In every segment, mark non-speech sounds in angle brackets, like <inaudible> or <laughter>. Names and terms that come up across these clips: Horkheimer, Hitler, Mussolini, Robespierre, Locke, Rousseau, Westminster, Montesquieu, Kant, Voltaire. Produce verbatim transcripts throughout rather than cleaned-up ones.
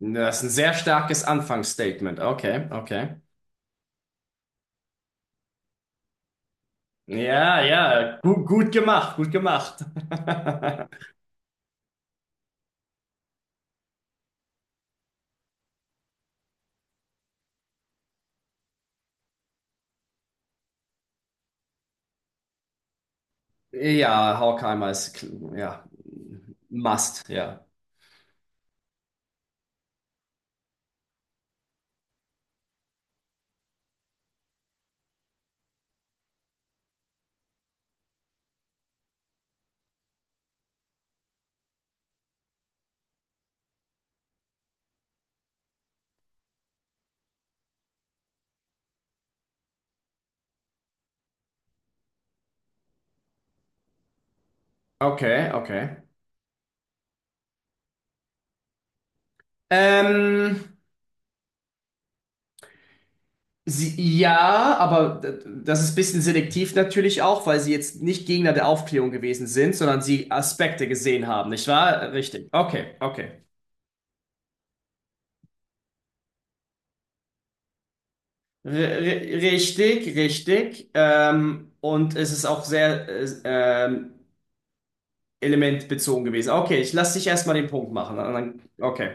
Das ist ein sehr starkes Anfangsstatement. Okay, okay. Ja, ja, gut, gut gemacht, gut gemacht. <laughs> Ja, Horkheimer ist, kl- ja, must, ja. Okay, okay. Ähm, sie, ja, aber d- das ist ein bisschen selektiv natürlich auch, weil sie jetzt nicht Gegner der Aufklärung gewesen sind, sondern sie Aspekte gesehen haben, nicht wahr? Richtig. Okay, okay. R r- richtig, richtig. Ähm, und es ist auch sehr, äh, ähm, Element bezogen gewesen. Okay, ich lasse dich erstmal den Punkt machen. dann- dann- Okay.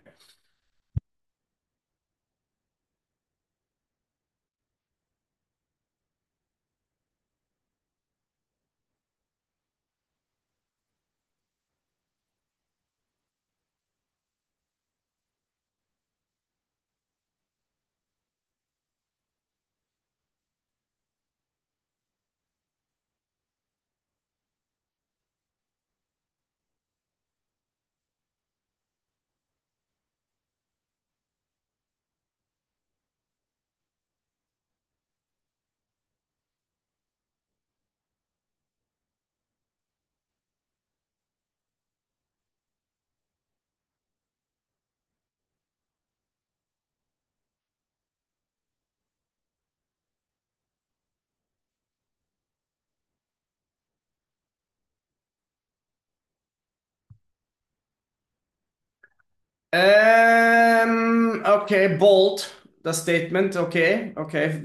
Ähm, okay, bold, das Statement. Okay, okay.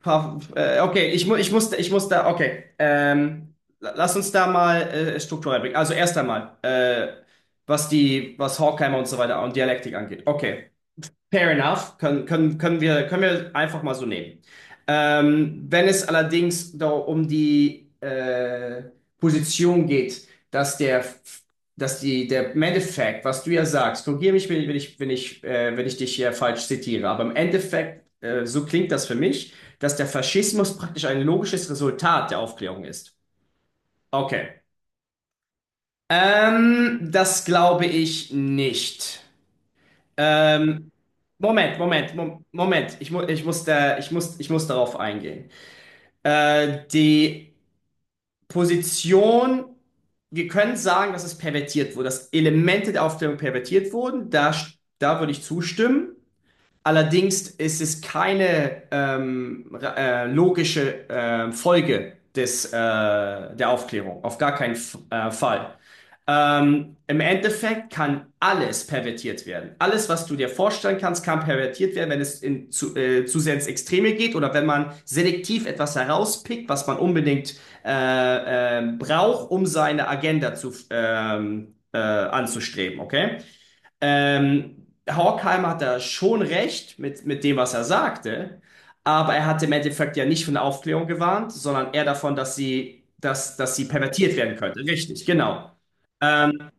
Pa- äh, Okay, ich, mu ich muss, ich muss da, okay. Ähm, la- lass uns da mal äh, Struktur reinbringen. Also erst einmal, äh, was die, was Horkheimer und so weiter und Dialektik angeht. Okay. Fair enough, können, können, können wir, können wir einfach mal so nehmen. Ähm, wenn es allerdings da um die äh, Position geht, dass der, dass die, der im Endeffekt, was du ja sagst, korrigiere mich, wenn ich, wenn ich, wenn ich, äh, wenn ich dich hier falsch zitiere, aber im Endeffekt, äh, so klingt das für mich, dass der Faschismus praktisch ein logisches Resultat der Aufklärung ist. Okay. Ähm, das glaube ich nicht. Ähm, Moment, Moment, Mom- Moment. Ich, mu ich muss da, ich muss, Ich muss darauf eingehen. Äh, die Position, wir können sagen, dass es pervertiert wurde, dass Elemente der Aufklärung pervertiert wurden. Da, st- da würde ich zustimmen. Allerdings ist es keine ähm, ra- äh, logische äh, Folge des, äh, der Aufklärung, auf gar keinen F äh, Fall. Ähm, im Endeffekt kann alles pervertiert werden. Alles, was du dir vorstellen kannst, kann pervertiert werden, wenn es in zu, äh, zu sehr ins Extreme geht oder wenn man selektiv etwas herauspickt, was man unbedingt äh, äh, braucht, um seine Agenda zu, ähm, äh, anzustreben, okay? Ähm, Horkheimer hat da schon recht mit, mit dem, was er sagte, aber er hat im Endeffekt ja nicht von der Aufklärung gewarnt, sondern eher davon, dass sie, dass, dass sie pervertiert werden könnte. Richtig, genau. Ähm,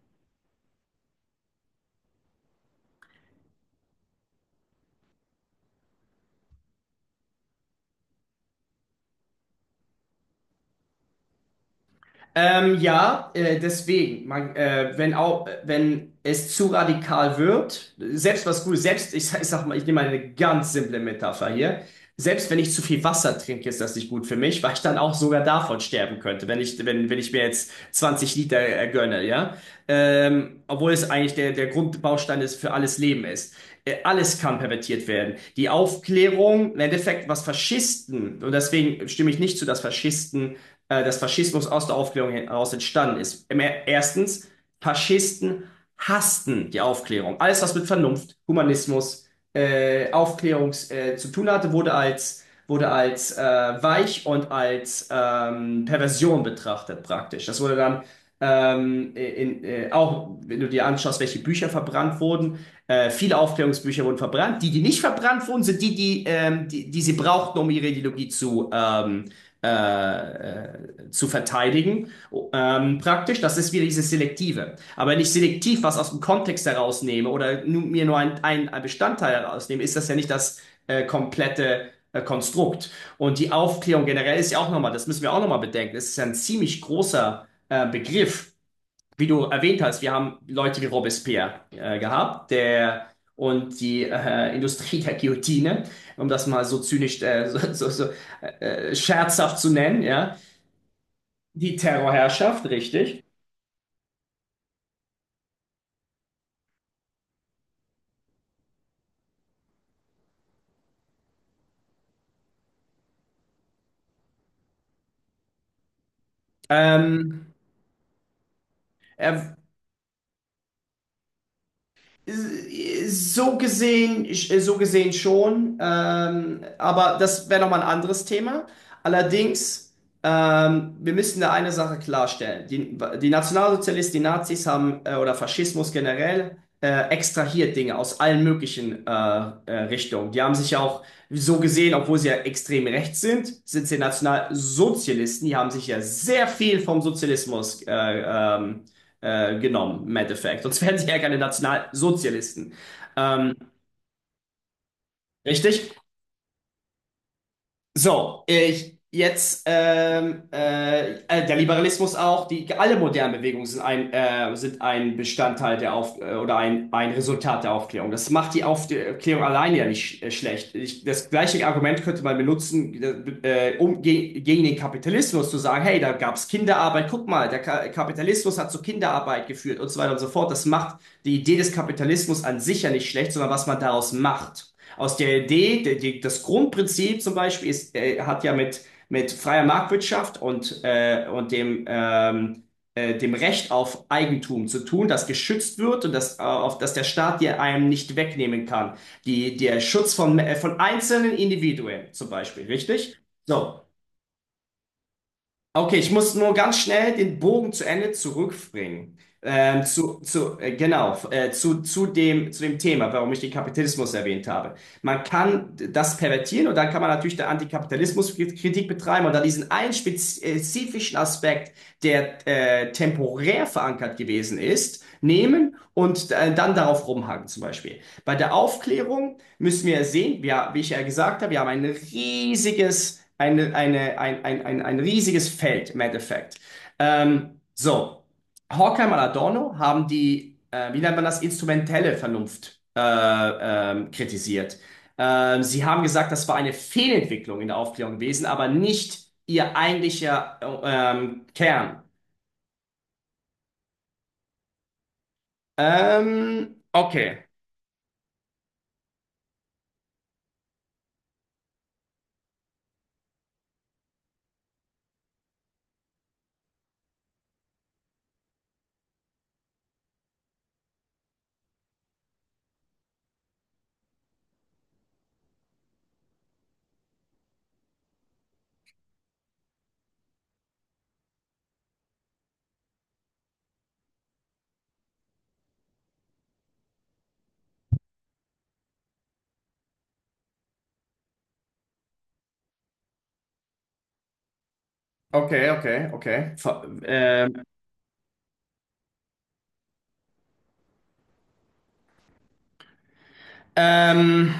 Ähm, ja, äh, deswegen, man, äh, wenn auch, wenn es zu radikal wird, selbst was gut, selbst, ich, sag- ich sag mal, ich nehme mal eine ganz simple Metapher hier, selbst wenn ich zu viel Wasser trinke, ist das nicht gut für mich, weil ich dann auch sogar davon sterben könnte, wenn ich, wenn, wenn ich mir jetzt zwanzig Liter äh, gönne, ja, ähm, obwohl es eigentlich der, der Grundbaustein ist für alles Leben ist. Äh, Alles kann pervertiert werden. Die Aufklärung, im Endeffekt, was Faschisten, und deswegen stimme ich nicht zu, dass Faschisten äh, dass Faschismus aus der Aufklärung heraus entstanden ist. Erstens, Faschisten hassten die Aufklärung. Alles, was mit Vernunft, Humanismus, äh, Aufklärung äh, zu tun hatte, wurde als, wurde als äh, weich und als ähm, Perversion betrachtet praktisch. Das wurde dann ähm, in, äh, auch, wenn du dir anschaust, welche Bücher verbrannt wurden, äh, viele Aufklärungsbücher wurden verbrannt. Die, die nicht verbrannt wurden, sind die, die, ähm, die, die, sie brauchten, um ihre Ideologie zu, ähm, äh, äh, zu verteidigen, ähm, praktisch. Das ist wieder dieses Selektive. Aber wenn ich selektiv was aus dem Kontext herausnehme oder nu- mir nur ein, ein, ein Bestandteil herausnehme, ist das ja nicht das äh, komplette äh, Konstrukt. Und die Aufklärung generell ist ja auch nochmal, das müssen wir auch nochmal bedenken, es ist ja ein ziemlich großer äh, Begriff wie du erwähnt hast, wir haben Leute wie Robespierre äh, gehabt, der und die äh, Industrie der Guillotine, um das mal so zynisch, äh, so, so, so äh, scherzhaft zu nennen, ja, die Terrorherrschaft, richtig. Ähm, er, So gesehen, so gesehen schon, ähm, aber das wäre nochmal ein anderes Thema. Allerdings, ähm, wir müssen da eine Sache klarstellen. Die, die Nationalsozialisten, die Nazis haben, äh, oder Faschismus generell, äh, extrahiert Dinge aus allen möglichen äh, äh, Richtungen. Die haben sich ja auch so gesehen, obwohl sie ja extrem rechts sind, sind sie Nationalsozialisten. Die haben sich ja sehr viel vom Sozialismus äh, ähm, äh, genommen, im Endeffekt. Sonst <laughs> wären sie ja keine Nationalsozialisten. Ähm, richtig? So, ich, jetzt ähm, äh, äh, der Liberalismus auch, die alle modernen Bewegungen sind ein, äh, sind ein Bestandteil der Auf äh, oder ein, ein Resultat der Aufklärung. Das macht die Aufklärung alleine ja nicht sch äh, schlecht. Ich, das gleiche Argument könnte man benutzen, äh, äh, um ge gegen den Kapitalismus zu sagen, hey, da gab's Kinderarbeit, guck mal, der Ka Kapitalismus hat zu Kinderarbeit geführt und so weiter und so fort. Das macht die Idee des Kapitalismus an sich ja nicht schlecht, sondern was man daraus macht. Aus der Idee, der, die, das Grundprinzip zum Beispiel ist, äh, hat ja mit, mit freier Marktwirtschaft und, äh, und dem, ähm, äh, dem Recht auf Eigentum zu tun, das geschützt wird und das, äh, auf das der Staat dir einem nicht wegnehmen kann. Die, der Schutz von, äh, von einzelnen Individuen zum Beispiel, richtig? So, okay, ich muss nur ganz schnell den Bogen zu Ende zurückbringen. Ähm, zu, zu, äh, genau, f- äh, zu, zu dem, zu dem Thema, warum ich den Kapitalismus erwähnt habe. Man kann das pervertieren und dann kann man natürlich der Antikapitalismuskritik betreiben und dann diesen einen spezifischen Aspekt, der äh, temporär verankert gewesen ist, nehmen und äh, dann darauf rumhaken zum Beispiel. Bei der Aufklärung müssen wir sehen, wir, wie ich ja gesagt habe, wir haben ein riesiges, eine, eine, ein, ein, ein, ein riesiges Feld im Endeffekt. Ähm, so, Horkheimer und Adorno haben die, äh, wie nennt man das, instrumentelle Vernunft äh, ähm, kritisiert. Ähm, sie haben gesagt, das war eine Fehlentwicklung in der Aufklärung gewesen, aber nicht ihr eigentlicher äh, ähm, Kern. Ähm, okay, okay, okay, okay. Ver- Ähm, ähm,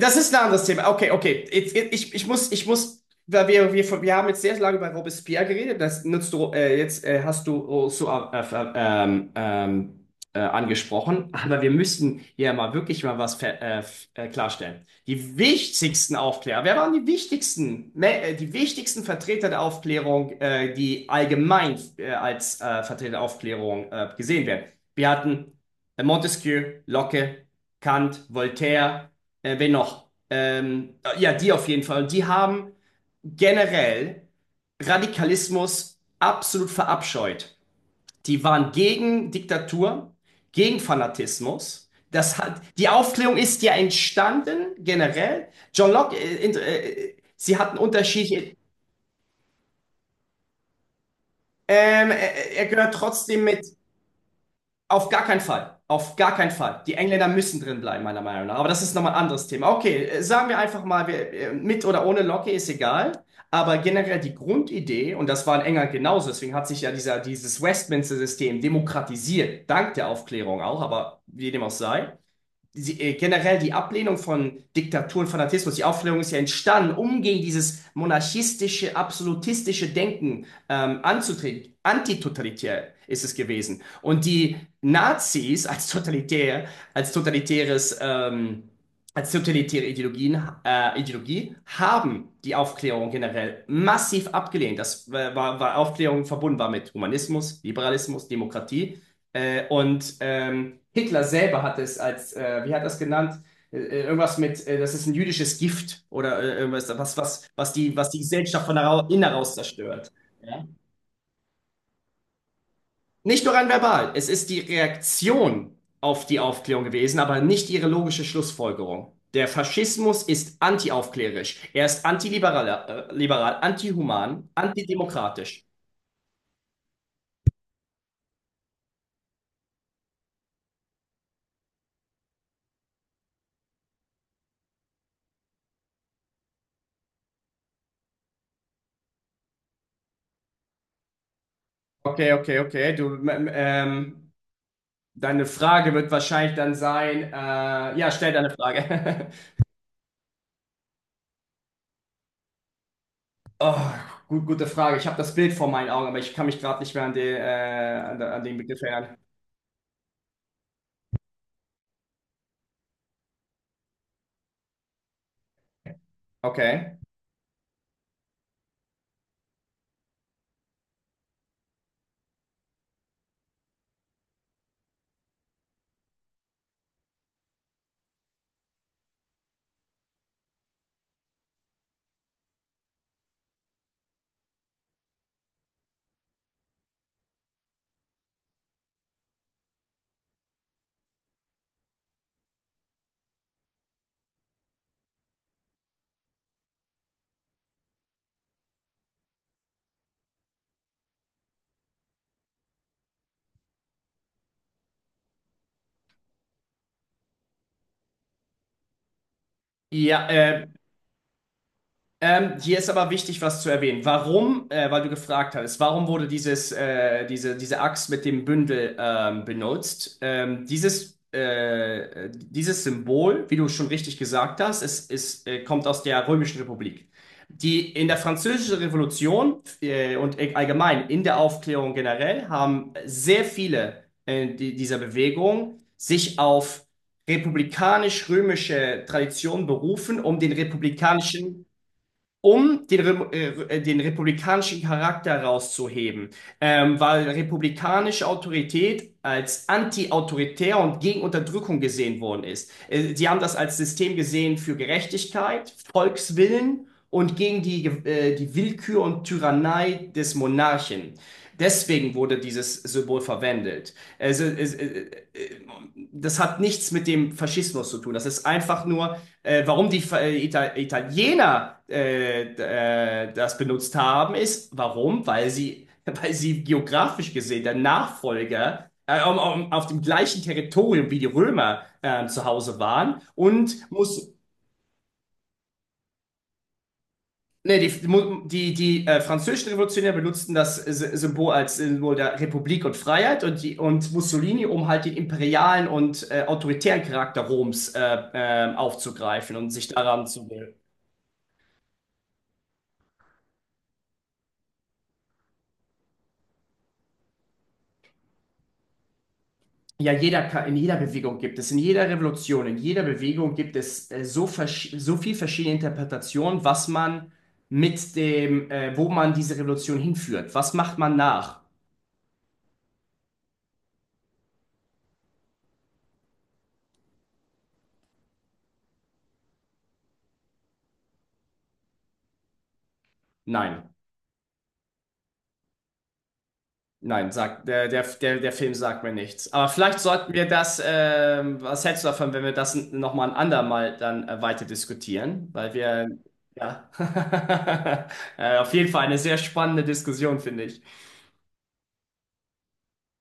Das ist ein anderes Thema. Okay, okay. Jetzt, jetzt- ich, ich muss, ich muss, weil wir, wir, wir haben jetzt sehr lange über Robespierre geredet. Das nutzt du, äh, jetzt äh, hast du Rousseau äh, ver- ähm, ähm, äh, angesprochen. Aber wir müssen hier mal wirklich mal was ver- äh, f- äh, klarstellen. Die wichtigsten Aufklärer, wer waren die wichtigsten, Me- äh, die wichtigsten Vertreter der Aufklärung, äh, die allgemein äh, als äh, Vertreter der Aufklärung äh, gesehen werden? Wir hatten äh, Montesquieu, Locke, Kant, Voltaire. Äh, wen noch? Ähm, ja, die auf jeden Fall. Und die haben generell Radikalismus absolut verabscheut. Die waren gegen Diktatur, gegen Fanatismus. Das hat, die Aufklärung ist ja entstanden, generell. John Locke, äh, in- äh, sie hatten unterschiedliche. Ähm, äh, er gehört trotzdem mit. Auf gar keinen Fall. Auf gar keinen Fall. Die Engländer müssen drin bleiben, meiner Meinung nach. Aber das ist nochmal ein anderes Thema. Okay, äh, sagen wir einfach mal, wir, äh, mit oder ohne Locke ist egal. Aber generell die Grundidee, und das war in England genauso, deswegen hat sich ja dieser, dieses Westminster-System demokratisiert, dank der Aufklärung auch, aber wie dem auch sei sie, äh, generell die Ablehnung von Diktatur und Fanatismus, die Aufklärung ist ja entstanden, um gegen dieses monarchistische, absolutistische Denken ähm, anzutreten. Antitotalitär ist es gewesen. Und die Nazis als totalitär, als totalitäres, ähm, als totalitäre Ideologien, äh, Ideologie haben die Aufklärung generell massiv abgelehnt. Das äh, war, war Aufklärung verbunden war mit Humanismus, Liberalismus, Demokratie. Äh, und ähm, Hitler selber hat es als, äh, wie hat er es genannt? Äh, äh, irgendwas mit, äh, das ist ein jüdisches Gift oder äh, irgendwas, was, was, was die, was die Gesellschaft von hera- innen heraus zerstört. Ja. Nicht nur rein verbal, es ist die Reaktion auf die Aufklärung gewesen, aber nicht ihre logische Schlussfolgerung. Der Faschismus ist antiaufklärisch. Er ist antiliberal, äh, liberal, antihuman, antidemokratisch. Okay, okay, okay. Du, ähm, Deine Frage wird wahrscheinlich dann sein, äh, ja, stell deine Frage. <laughs> Oh, gut, gute Frage. Ich habe das Bild vor meinen Augen, aber ich kann mich gerade nicht mehr an, die, äh, an, de- an den Begriff erinnern. Okay. Ja, äh, Ähm, hier ist aber wichtig, was zu erwähnen. Warum, äh, weil du gefragt hattest, warum wurde dieses, äh, diese, diese Axt mit dem Bündel ähm, benutzt? Ähm, dieses, äh, dieses Symbol, wie du schon richtig gesagt hast, es, es äh, kommt aus der Römischen Republik. Die in der Französischen Revolution äh, und allgemein in der Aufklärung generell haben sehr viele äh, die, dieser Bewegung sich auf republikanisch-römische Tradition berufen, um den republikanischen um den, äh, äh, den republikanischen Charakter rauszuheben ähm, weil republikanische Autorität als anti-autoritär und gegen Unterdrückung gesehen worden ist. Äh, Sie haben das als System gesehen für Gerechtigkeit, Volkswillen und gegen die, äh, die Willkür und Tyrannei des Monarchen. Deswegen wurde dieses Symbol verwendet. Also, äh, äh, äh, das hat nichts mit dem Faschismus zu tun. Das ist einfach nur, äh, warum die äh, Italiener äh, äh, das benutzt haben, ist, warum? Weil sie <laughs> weil sie geografisch gesehen der Nachfolger äh, um, um, auf dem gleichen Territorium wie die Römer ähm, zu Hause waren und muss ne die, mu- die, die äh, französischen Revolutionäre benutzten das äh, Sy- Symbol als Symbol der Republik und Freiheit und, die, und Mussolini, um halt den imperialen und äh, autoritären Charakter Roms äh, ähm, aufzugreifen und sich daran zu Ja, jeder, Ka- in jeder Bewegung gibt es, in jeder Revolution, in jeder Bewegung gibt es äh, so, versch- so viel verschiedene Interpretationen, was man mit dem, äh, wo man diese Revolution hinführt. Was macht man nach? Nein, nein, sagt der, der, der, der Film sagt mir nichts. Aber vielleicht sollten wir das, ähm, was hältst du davon, wenn wir das nochmal ein andermal dann äh, weiter diskutieren? Weil wir, ja, <laughs> äh, auf jeden Fall eine sehr spannende Diskussion, finde ich.